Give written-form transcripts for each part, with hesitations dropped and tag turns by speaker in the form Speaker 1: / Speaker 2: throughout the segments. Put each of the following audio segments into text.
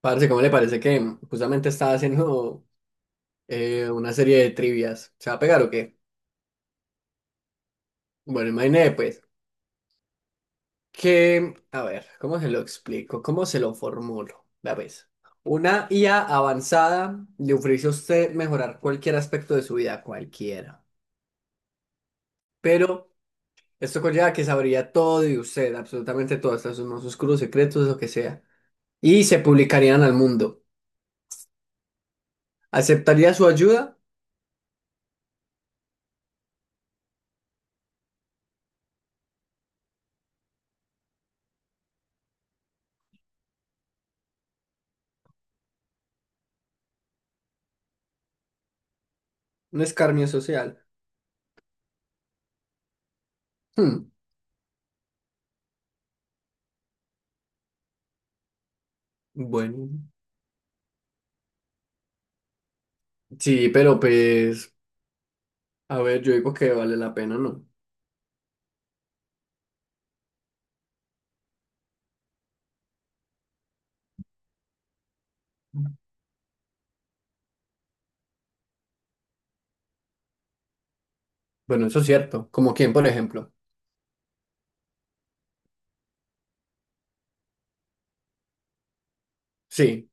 Speaker 1: Parce, ¿cómo le parece que justamente estaba haciendo una serie de trivias? ¿Se va a pegar o qué? Bueno, imagínate pues que, a ver, ¿cómo se lo explico? ¿Cómo se lo formulo? La vez. Una IA avanzada le ofrece a usted mejorar cualquier aspecto de su vida, cualquiera. Pero esto conlleva que sabría todo de usted, absolutamente todo, hasta sus más oscuros secretos, lo que sea. Y se publicarían al mundo. ¿Aceptaría su ayuda? Un escarnio social. Hmm, bueno. Sí, pero pues, a ver, yo digo que vale la pena, ¿no? Bueno, eso es cierto. Como quién, por ejemplo. Sí.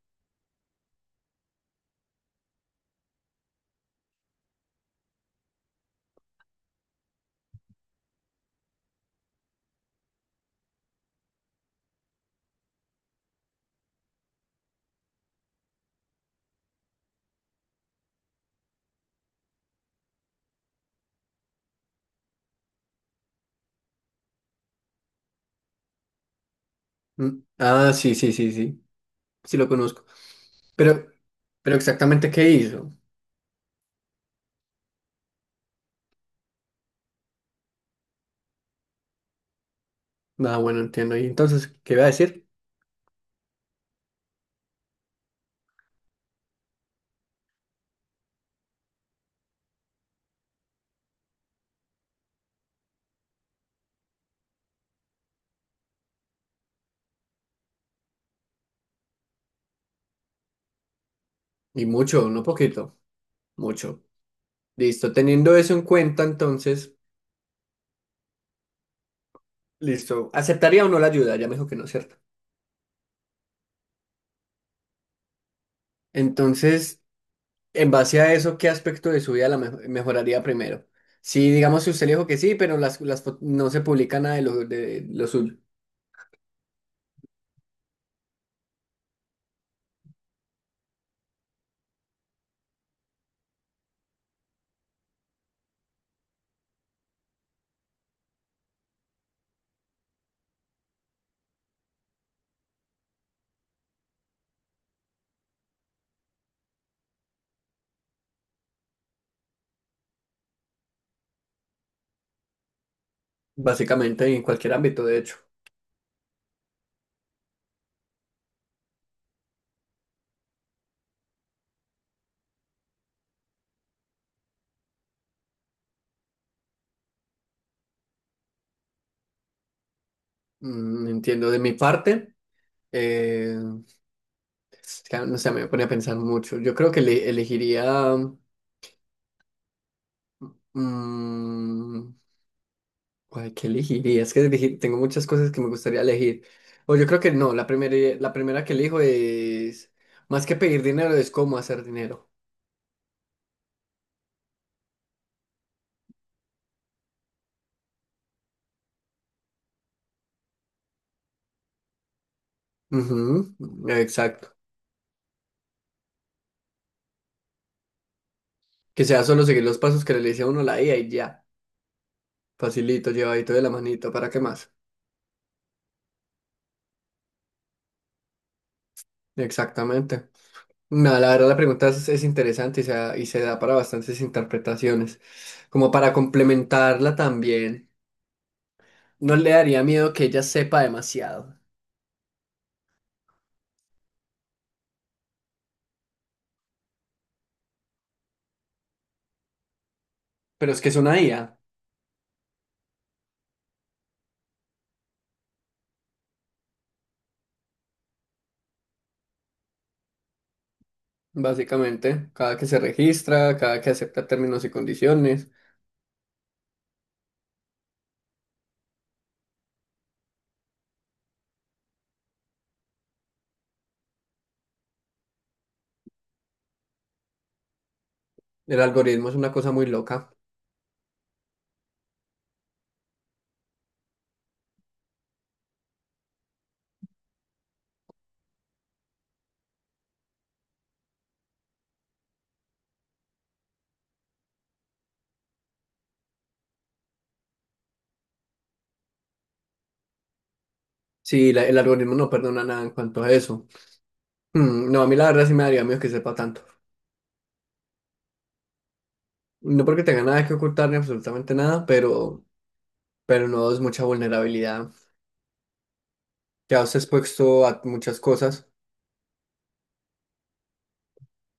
Speaker 1: Mm, ah, sí, sí, sí, sí. Sí lo conozco. Pero, pero exactamente qué hizo. Ah, bueno, entiendo. Y entonces, ¿qué iba a decir? Y mucho, no poquito, mucho. Listo, teniendo eso en cuenta, entonces, listo. ¿Aceptaría o no la ayuda? Ya me dijo que no, ¿cierto? Entonces, en base a eso, ¿qué aspecto de su vida la me- mejoraría primero? Si digamos si usted le dijo que sí, pero las fo- no se publica nada de lo, de lo suyo, básicamente en cualquier ámbito, de hecho. Mm, entiendo de mi parte. eh, es que no sé, me pone a pensar mucho. Yo creo que le- elegiría... mm, ay, ¿qué elegiría? Es que elegir- tengo muchas cosas que me gustaría elegir. O yo creo que no, la primera que elijo es... Más que pedir dinero, es cómo hacer dinero. Ujú, exacto. Que sea solo seguir los pasos que le dice a uno la IA y ya. Facilito, llevadito de la manito, ¿para qué más? Exactamente. Nada, la verdad la pregunta es interesante y se da para bastantes interpretaciones. Como para complementarla también, no le daría miedo que ella sepa demasiado. Pero es que es una IA, básicamente. Cada que se registra, cada que acepta términos y condiciones. El algoritmo es una cosa muy loca. Sí, la- el algoritmo no perdona nada en cuanto a eso. Mm, no, a mí la verdad sí me daría miedo que sepa tanto. No porque tenga nada que ocultar ni absolutamente nada, pero no es mucha vulnerabilidad. Ya os he expuesto a muchas cosas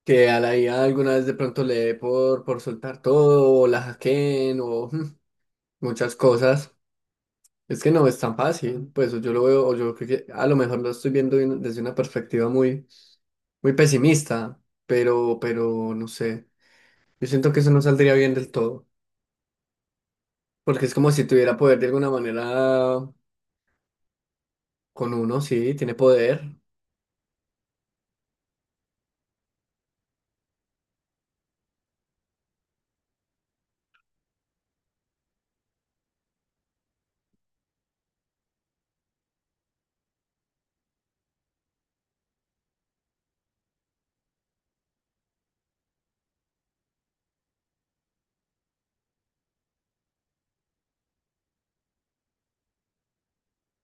Speaker 1: que a la IA alguna vez de pronto le dé por soltar todo, o la hackeen, o muchas cosas. Es que no es tan fácil, pues yo lo veo, o yo creo que a lo mejor lo estoy viendo de una- desde una perspectiva muy, muy pesimista, pero no sé. Yo siento que eso no saldría bien del todo, porque es como si tuviera poder de alguna manera con uno, sí, tiene poder.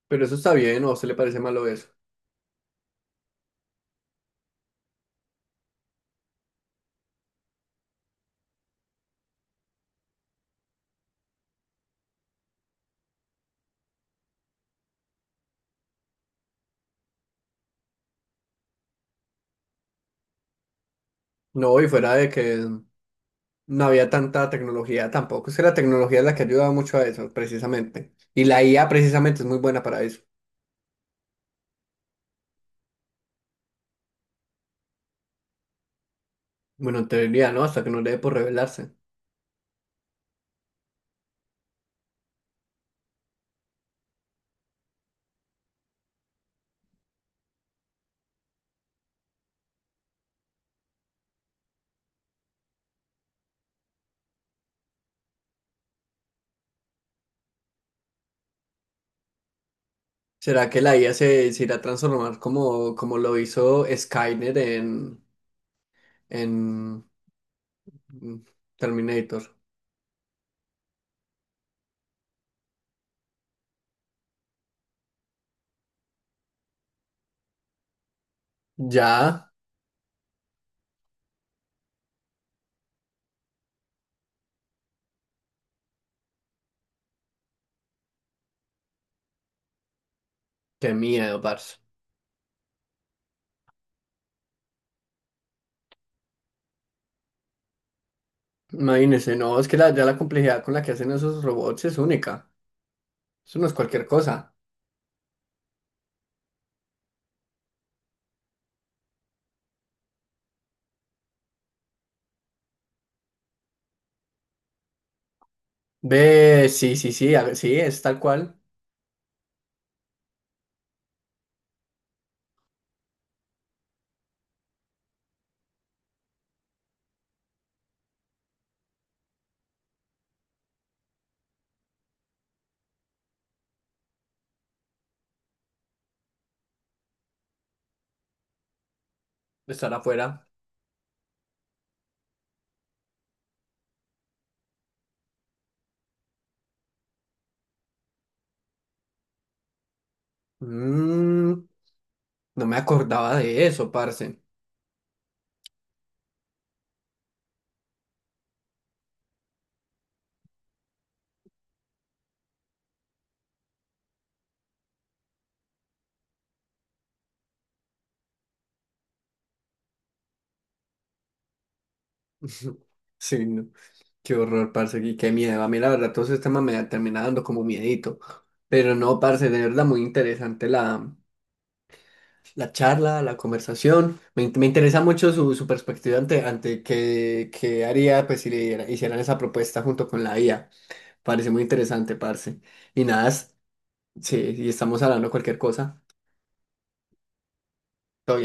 Speaker 1: Pero eso está bien, ¿o a usted le parece malo eso? No, y fuera de que no había tanta tecnología tampoco. Es que la tecnología es la que ayudaba mucho a eso, precisamente. Y la IA precisamente es muy buena para eso. Bueno, en teoría, ¿no? Hasta que no le dé por revelarse. ¿Será que la IA se, se irá a transformar como, como lo hizo Skynet en mm, Terminator? Ya, qué miedo, parce. Imagínese, no, es que la- ya la complejidad con la que hacen esos robots es única. Eso no es cualquier cosa. Ve, sí, sí, sí, a- sí, es tal cual, estar afuera. Mm, no me acordaba de eso, parce. Sí, no, qué horror, parce, y qué miedo. A mí, la verdad, todo ese tema me termina dando como miedito. Pero no, parce, de verdad, muy interesante la, la charla, la conversación. Me, in- me interesa mucho su, su perspectiva ante, ante qué, qué haría, pues, si le diera- hicieran esa propuesta junto con la IA. Parece muy interesante, parce. Y nada, es- sí, y estamos hablando cualquier cosa. Todo bien.